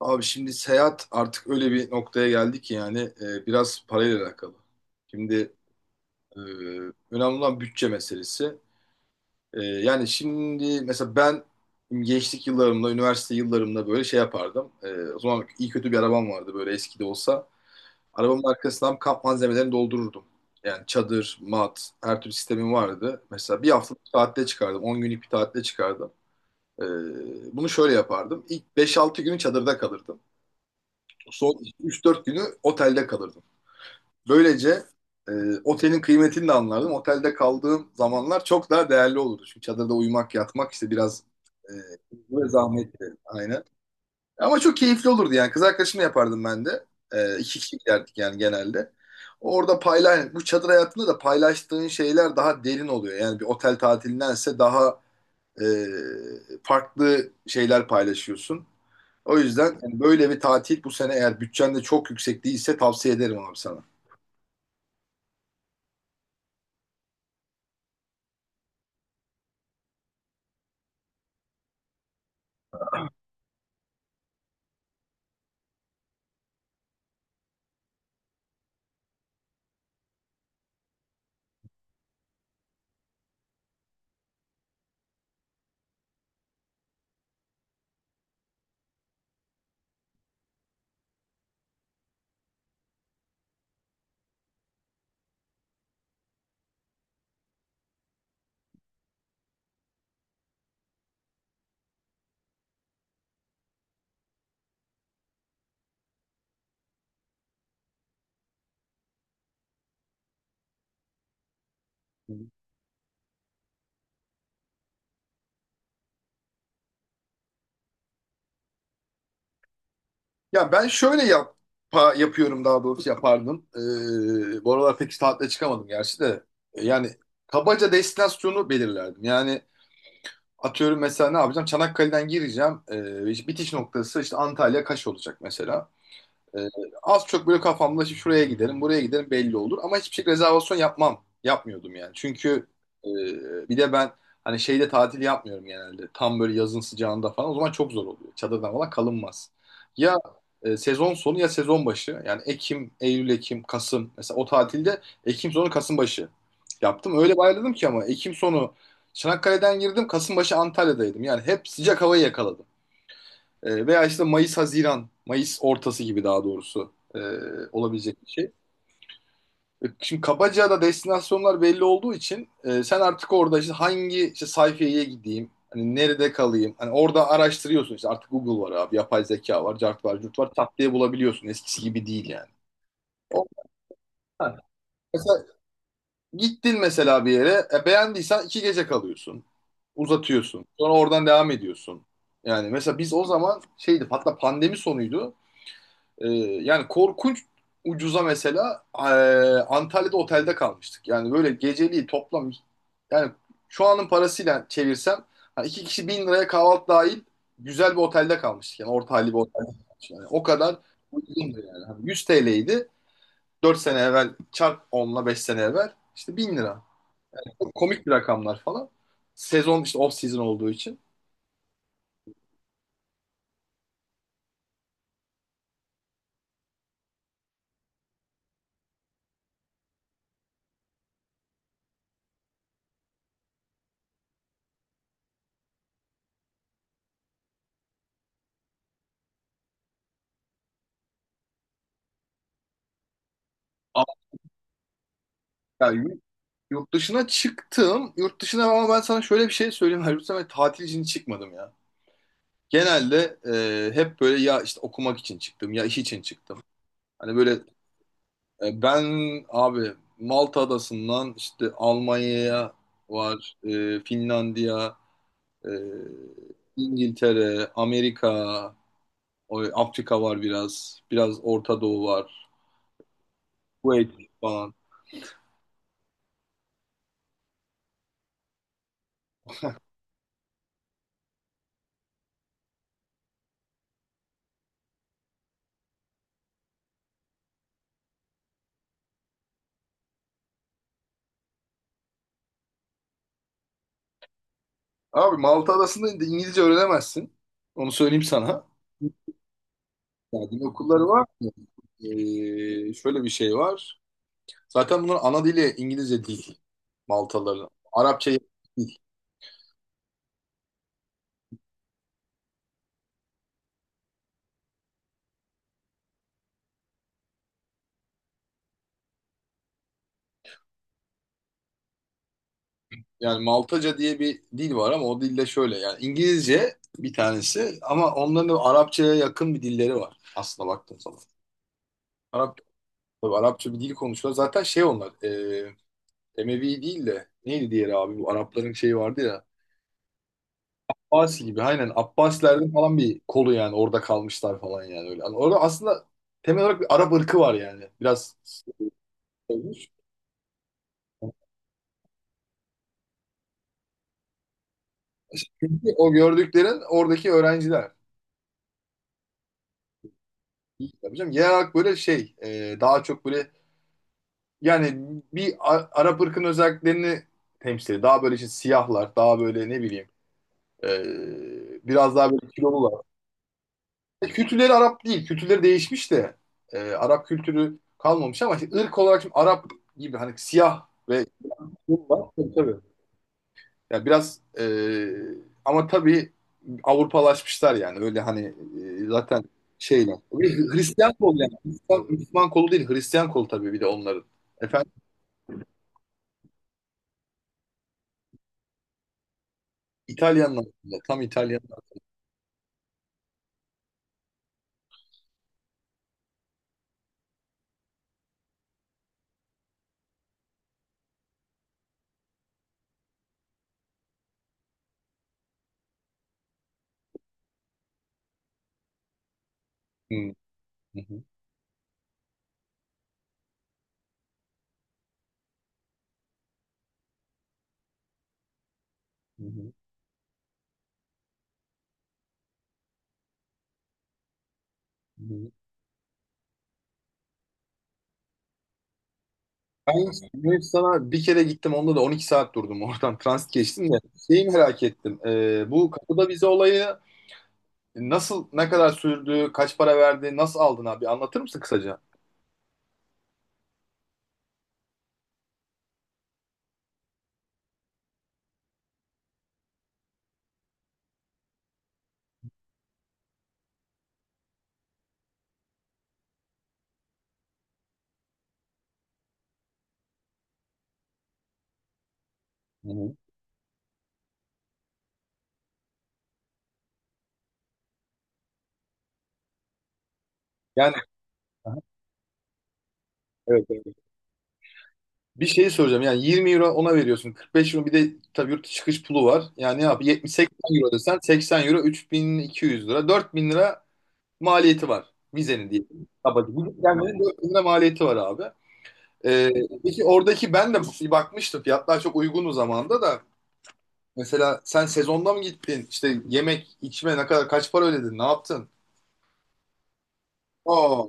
Abi şimdi seyahat artık öyle bir noktaya geldi ki yani biraz parayla alakalı. Şimdi e, önemli olan bütçe meselesi. Yani şimdi mesela ben gençlik yıllarımda, üniversite yıllarımda böyle şey yapardım. O zaman iyi kötü bir arabam vardı böyle eski de olsa. Arabamın arkasından kamp malzemelerini doldururdum. Yani çadır, mat, her türlü sistemim vardı. Mesela bir haftalık bir tatile çıkardım, 10 günlük bir tatile çıkardım. E, Bunu şöyle yapardım. İlk beş altı günü çadırda kalırdım. Son üç dört günü otelde kalırdım. Böylece e, otelin kıymetini de anlardım. Otelde kaldığım zamanlar çok daha değerli olurdu. Çünkü çadırda uyumak, yatmak işte biraz e, böyle zahmetli. Aynen. Ama çok keyifli olurdu yani. Kız arkadaşımla yapardım ben de. İki kişi giderdik yani genelde. Orada bu çadır hayatında da paylaştığın şeyler daha derin oluyor. Yani bir otel tatilindense daha e, farklı şeyler paylaşıyorsun. O yüzden yani böyle bir tatil bu sene eğer bütçen de çok yüksek değilse tavsiye ederim abi sana. Ya ben şöyle yapıyorum daha doğrusu yapardım. Bu aralar pek tatile çıkamadım gerçi de. Yani kabaca destinasyonu belirlerdim. Yani atıyorum mesela ne yapacağım? Çanakkale'den gireceğim. İşte bitiş noktası işte Antalya Kaş olacak mesela. Ee, Az çok böyle kafamda işte şuraya gidelim, buraya gidelim belli olur. Ama hiçbir şey rezervasyon yapmam. Yapmıyordum yani. Çünkü e, bir de ben hani şeyde tatil yapmıyorum genelde. Tam böyle yazın sıcağında falan. O zaman çok zor oluyor. Çadırdan falan kalınmaz. Ya sezon sonu ya sezon başı. Yani Ekim, Eylül, Ekim, Kasım. Mesela o tatilde Ekim sonu, Kasım başı yaptım. Öyle bayladım ki ama Ekim sonu Çanakkale'den girdim. Kasım başı Antalya'daydım. Yani hep sıcak havayı yakaladım. Veya işte Mayıs-Haziran, Mayıs ortası gibi daha doğrusu olabilecek bir şey. Şimdi kabaca da destinasyonlar belli olduğu için sen artık orada işte hangi işte sayfaya gideyim, hani nerede kalayım, hani orada araştırıyorsun işte artık Google var abi, yapay zeka var, cart var, curt var, tak diye bulabiliyorsun eskisi gibi değil yani. O- ha. Mesela gittin mesela bir yere, beğendiysen iki gece kalıyorsun, uzatıyorsun, sonra oradan devam ediyorsun. Yani mesela biz o zaman şeydi, hatta pandemi sonuydu. Ee, Yani korkunç ucuza mesela Antalya'da otelde kalmıştık. Yani böyle geceliği toplam yani şu anın parasıyla çevirsem hani iki kişi bin liraya kahvaltı dahil güzel bir otelde kalmıştık. Yani orta halli bir otel. Düşün. Yani o kadar uygundu yani. Hani 100 TL'ydi 4 sene evvel çarp onla 5 sene evvel işte 1000 lira. Çok komik bir rakamlar falan. Sezon işte off season olduğu için. Ama ya yurt dışına çıktım. Yurt dışına ama ben sana şöyle bir şey söyleyeyim. Halbuki ben tatil için çıkmadım ya. Genelde hep böyle ya işte okumak için çıktım ya iş için çıktım. Hani böyle ben abi Malta Adası'ndan işte Almanya'ya var, Finlandiya, e, İngiltere, Amerika, Afrika var biraz, biraz Orta Doğu var, Kuveyt falan. Abi Malta Adası'nda İngilizce öğrenemezsin. Onu söyleyeyim sana. Yani okulları var mı? Şöyle bir şey var. Zaten bunlar ana dili İngilizce değil Maltaların. Arapça değil. Yani Maltaca diye bir dil var ama o dilde şöyle yani İngilizce bir tanesi ama onların da Arapçaya yakın bir dilleri var aslında baktığın zaman. Arap, tabii Arapça bir dil konuşuyorlar. Zaten şey onlar Emevi değil de neydi diğeri abi bu Arapların şeyi vardı ya. Abbasi gibi aynen Abbasilerden falan bir kolu yani orada kalmışlar falan yani öyle. Yani orada aslında temel olarak bir Arap ırkı var yani. Biraz olmuş. Çünkü o gördüklerin oradaki öğrenciler. Tabii canım, genel olarak böyle şey daha çok böyle yani bir Arap ırkının özelliklerini temsil ediyor. Daha böyle işte siyahlar, daha böyle ne bileyim biraz daha böyle kilolular. Kültürleri Arap değil. Kültürleri değişmiş de Arap kültürü kalmamış ama işte ırk olarak şimdi Arap gibi hani siyah ve kilolular. Tabii tabii. Ya biraz ama tabii Avrupalaşmışlar yani öyle hani zaten şeyle. Bir Hristiyan kol yani. Hristiyan, Müslüman kolu değil Hristiyan kolu tabii bir de onların. Efendim? İtalyanlar aslında, tam İtalyanlar. Hı, hı, hı, hı, hı. Ben Yunanistan'a bir kere gittim onda da 12 saat durdum oradan transit geçtim de şeyi merak ettim. Bu kapıda vize olayı nasıl, ne kadar sürdü, kaç para verdi, nasıl aldın abi, anlatır mısın kısaca? Hı hı. Yani aha, evet, evet. Bir şey soracağım. Yani 20 euro ona veriyorsun. 45 euro bir de tabii yurt dışı çıkış pulu var. Yani ne yap? 70-80 euro desen 80 euro 3.200 lira. 4.000 lira maliyeti var. Vizenin diye. Kabaca. Bu gelmenin 4.000 lira maliyeti var abi. Ee, peki oradaki, ben de bir bakmıştım. Fiyatlar çok uygun o zamanda da. Mesela sen sezonda mı gittin? İşte yemek, içme ne kadar, kaç para ödedin? Ne yaptın? Aa,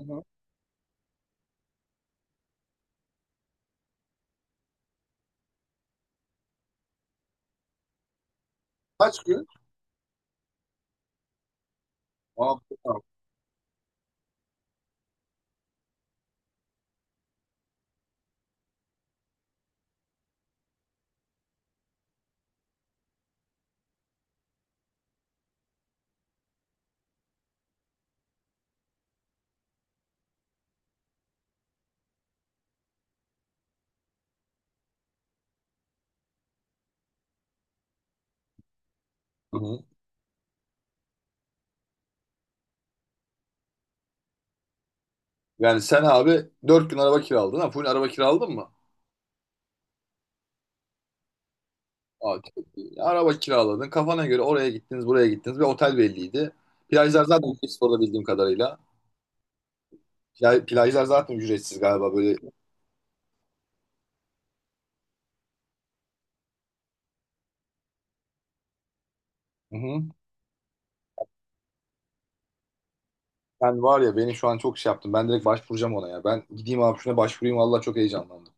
hı, kaç gün? Aa, hı hı. Yani sen abi 4 gün araba kiraladın ha. Full araba kiraladın mı? Aa, çok iyi. Araba kiraladın. Kafana göre oraya gittiniz, buraya gittiniz. Bir otel belliydi. Plajlar zaten ücretsiz orada bildiğim kadarıyla. Plajlar zaten ücretsiz galiba böyle. Hı hı. Ben var ya, beni şu an çok şey yaptım. Ben direkt başvuracağım ona ya. Ben gideyim abi şuna başvurayım. Vallahi çok heyecanlandım.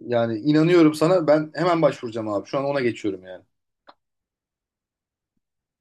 Yani inanıyorum sana. Ben hemen başvuracağım abi. Şu an ona geçiyorum yani.